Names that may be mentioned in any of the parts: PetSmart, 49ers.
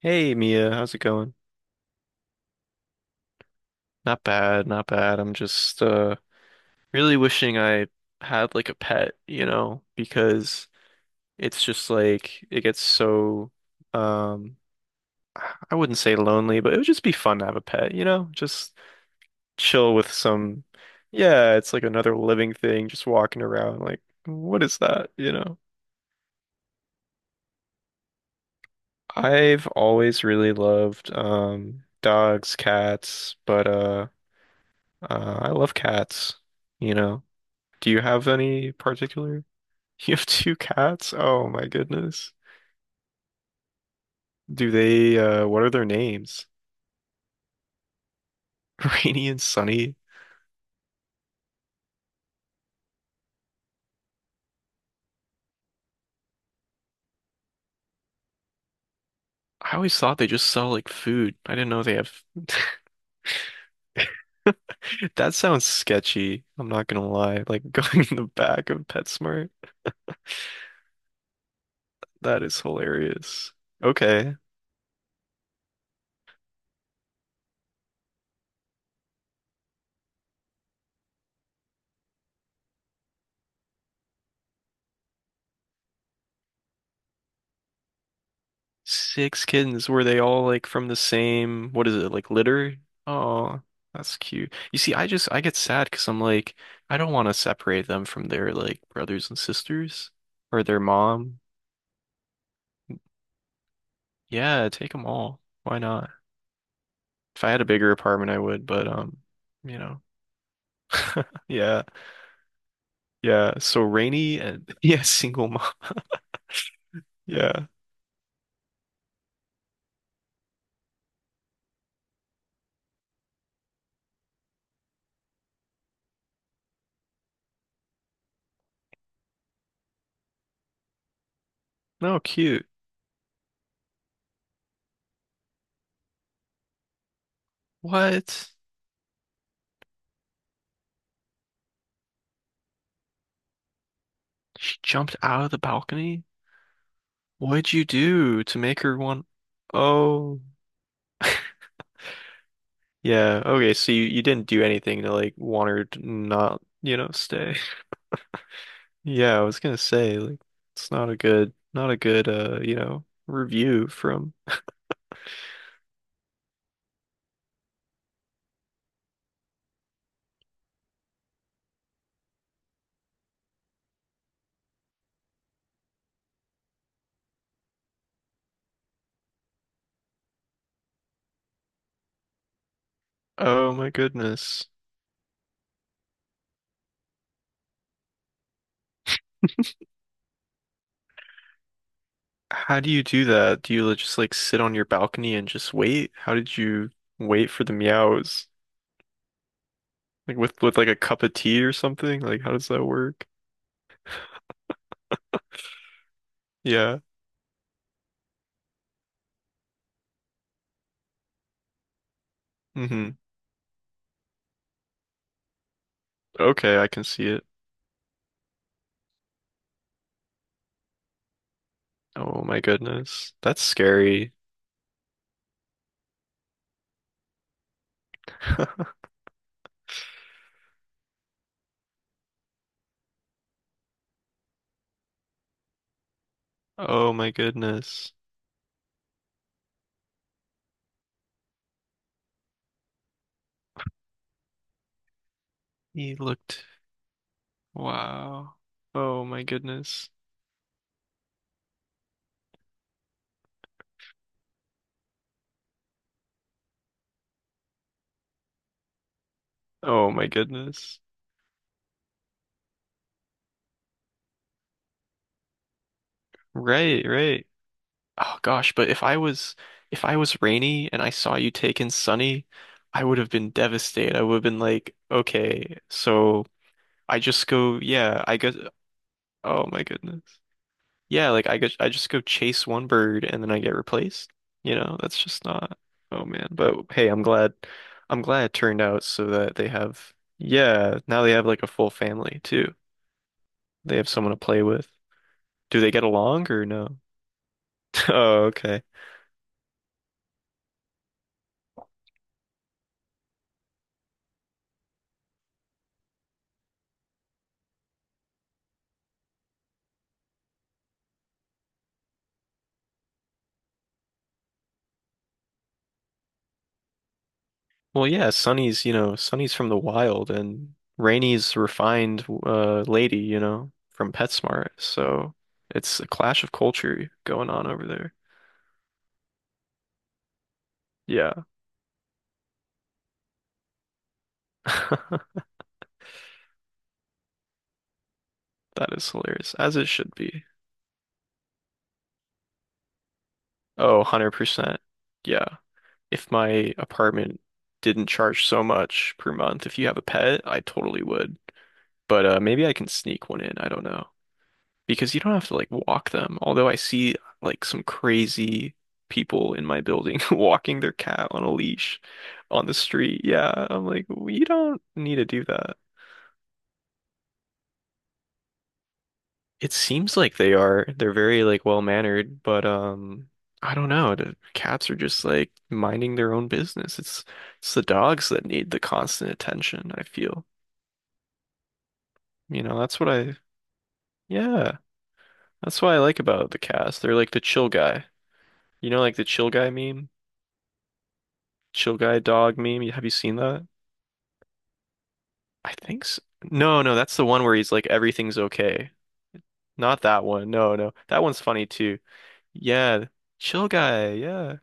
Hey Mia, how's it going? Not bad, not bad. I'm just really wishing I had like a pet, you know, because it's just like it gets so um I wouldn't say lonely, but it would just be fun to have a pet, you know? Just chill with some yeah, it's like another living thing just walking around like what is that, you know? I've always really loved dogs, cats, but I love cats, you know. Do you have any particular? You have two cats? Oh my goodness. Do they, what are their names? Rainy and Sunny? I always thought they just sell like food. I didn't know they have. That sounds sketchy. I'm not gonna lie. Like going in the back of PetSmart. That is hilarious. Okay. Six kittens. Were they all like from the same, what is it, like litter? Oh, that's cute. You see, I get sad because I'm like, I don't want to separate them from their like brothers and sisters or their mom. Yeah, take them all. Why not? If I had a bigger apartment, I would, but you know, yeah, yeah. So Rainy and yeah, single mom. Yeah. No, cute. What? She jumped out of the balcony? What'd you do to make her want? Oh. Yeah, okay, so you didn't do anything to like want her to not, you know, stay. Yeah, I was gonna say, like, it's not a good you know, review from Oh my goodness. How do you do that? Do you just like sit on your balcony and just wait? How did you wait for the meows? Like with like a cup of tea or something? Like how does that work? Yeah. Mm-hmm. Okay, I can see it. Oh my goodness. That's scary. Oh my goodness. He looked Wow. Oh my goodness. Oh my goodness. Right, right. Oh gosh, but if I was Rainy and I saw you take in Sunny, I would have been devastated. I would have been like, okay, so I just go, yeah, I guess oh my goodness. Yeah, like I guess I just go chase one bird and then I get replaced. You know, that's just not oh man. But hey, I'm glad it turned out so that they have yeah, now they have like a full family too. They have someone to play with. Do they get along or no? Oh, okay. Well, yeah, Sunny's, you know, Sunny's from the wild and Rainy's refined lady, you know, from PetSmart. So it's a clash of culture going on over there. Yeah. That is hilarious, as it should be. Oh, 100%. Yeah. If my apartment didn't charge so much per month, if you have a pet, I totally would. But maybe I can sneak one in. I don't know, because you don't have to like walk them. Although I see like some crazy people in my building walking their cat on a leash on the street. Yeah, I'm like, we don't need to do that. It seems like they are. They're very like well-mannered, but I don't know. The cats are just like minding their own business. It's the dogs that need the constant attention, I feel. You know, that's what I yeah, that's what I like about the cats. They're like the chill guy. You know, like the chill guy meme? Chill Guy dog meme? Have you seen that? I think so. No, no, that's the one where he's like everything's okay. Not that one. No, no. That one's funny too. Yeah. Chill Guy. Yeah.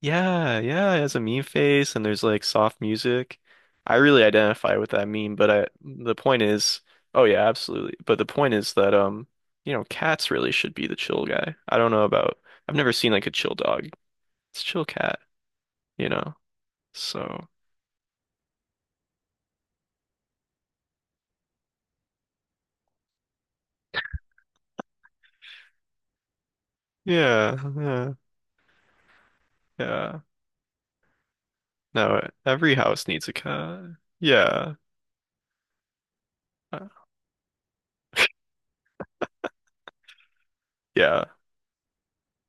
Yeah, yeah, it has a meme face and there's like soft music. I really identify with that meme, but I the point is, oh yeah, absolutely. But the point is that you know, cats really should be the chill guy. I don't know about I've never seen like a chill dog. It's chill cat, you know. So, yeah, yeah, yeah. No, every house needs a cat. Yeah. Uh, Yeah.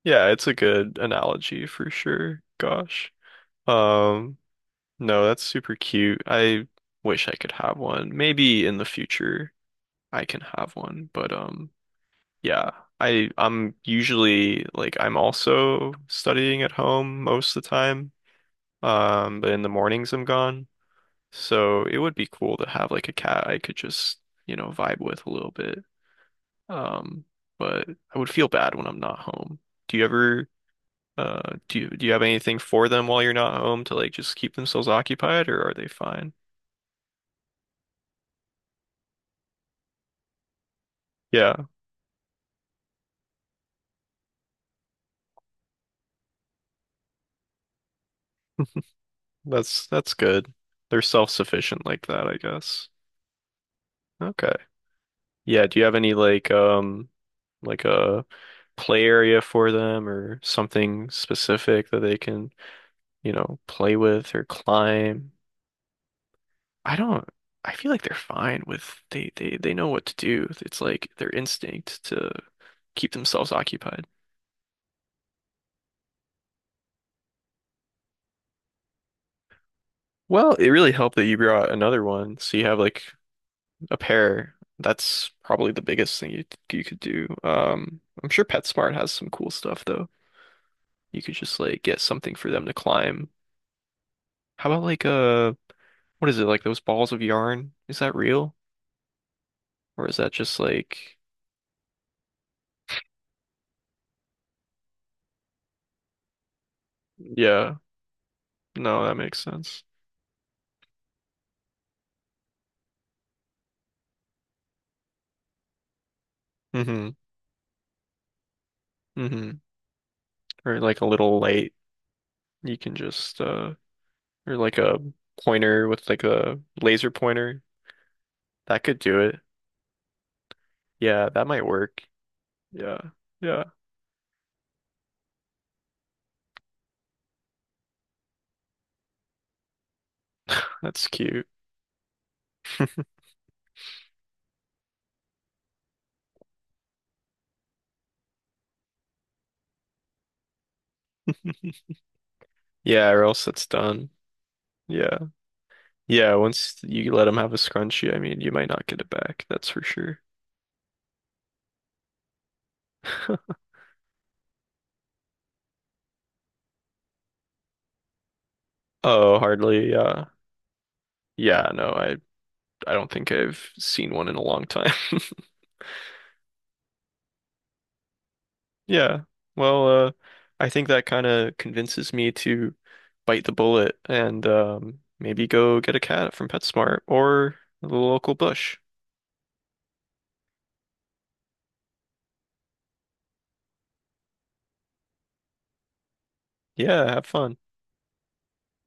Yeah, it's a good analogy for sure. Gosh. Um, no, that's super cute. I wish I could have one. Maybe in the future I can have one, but yeah. I'm usually like I'm also studying at home most of the time. But in the mornings I'm gone. So it would be cool to have like a cat I could just, you know, vibe with a little bit. Um, but I would feel bad when I'm not home. Do you ever do you have anything for them while you're not home to like just keep themselves occupied or are they fine? Yeah, that's good. They're self-sufficient like that, I guess. Okay. Yeah, do you have any like a play area for them or something specific that they can, you know, play with or climb? I don't I feel like they're fine with they know what to do. It's like their instinct to keep themselves occupied. Well, it really helped that you brought another one. So you have like a pair. That's probably the biggest thing you could do. I'm sure PetSmart has some cool stuff though. You could just like get something for them to climb. How about like what is it? Like those balls of yarn? Is that real? Or is that just like yeah, no, that makes sense. Mm-hmm. Mm-hmm. Or like a little light. You can just or like a pointer with like a laser pointer. That could do it. Yeah, that might work. Yeah. Yeah. That's cute. Yeah, or else it's done. Yeah. Yeah, once you let him have a scrunchie, I mean, you might not get it back, that's for sure. Oh, hardly. Yeah. Yeah, I don't think I've seen one in a long time. Yeah. Well, I think that kind of convinces me to bite the bullet and maybe go get a cat from PetSmart or the local bush. Yeah, have fun.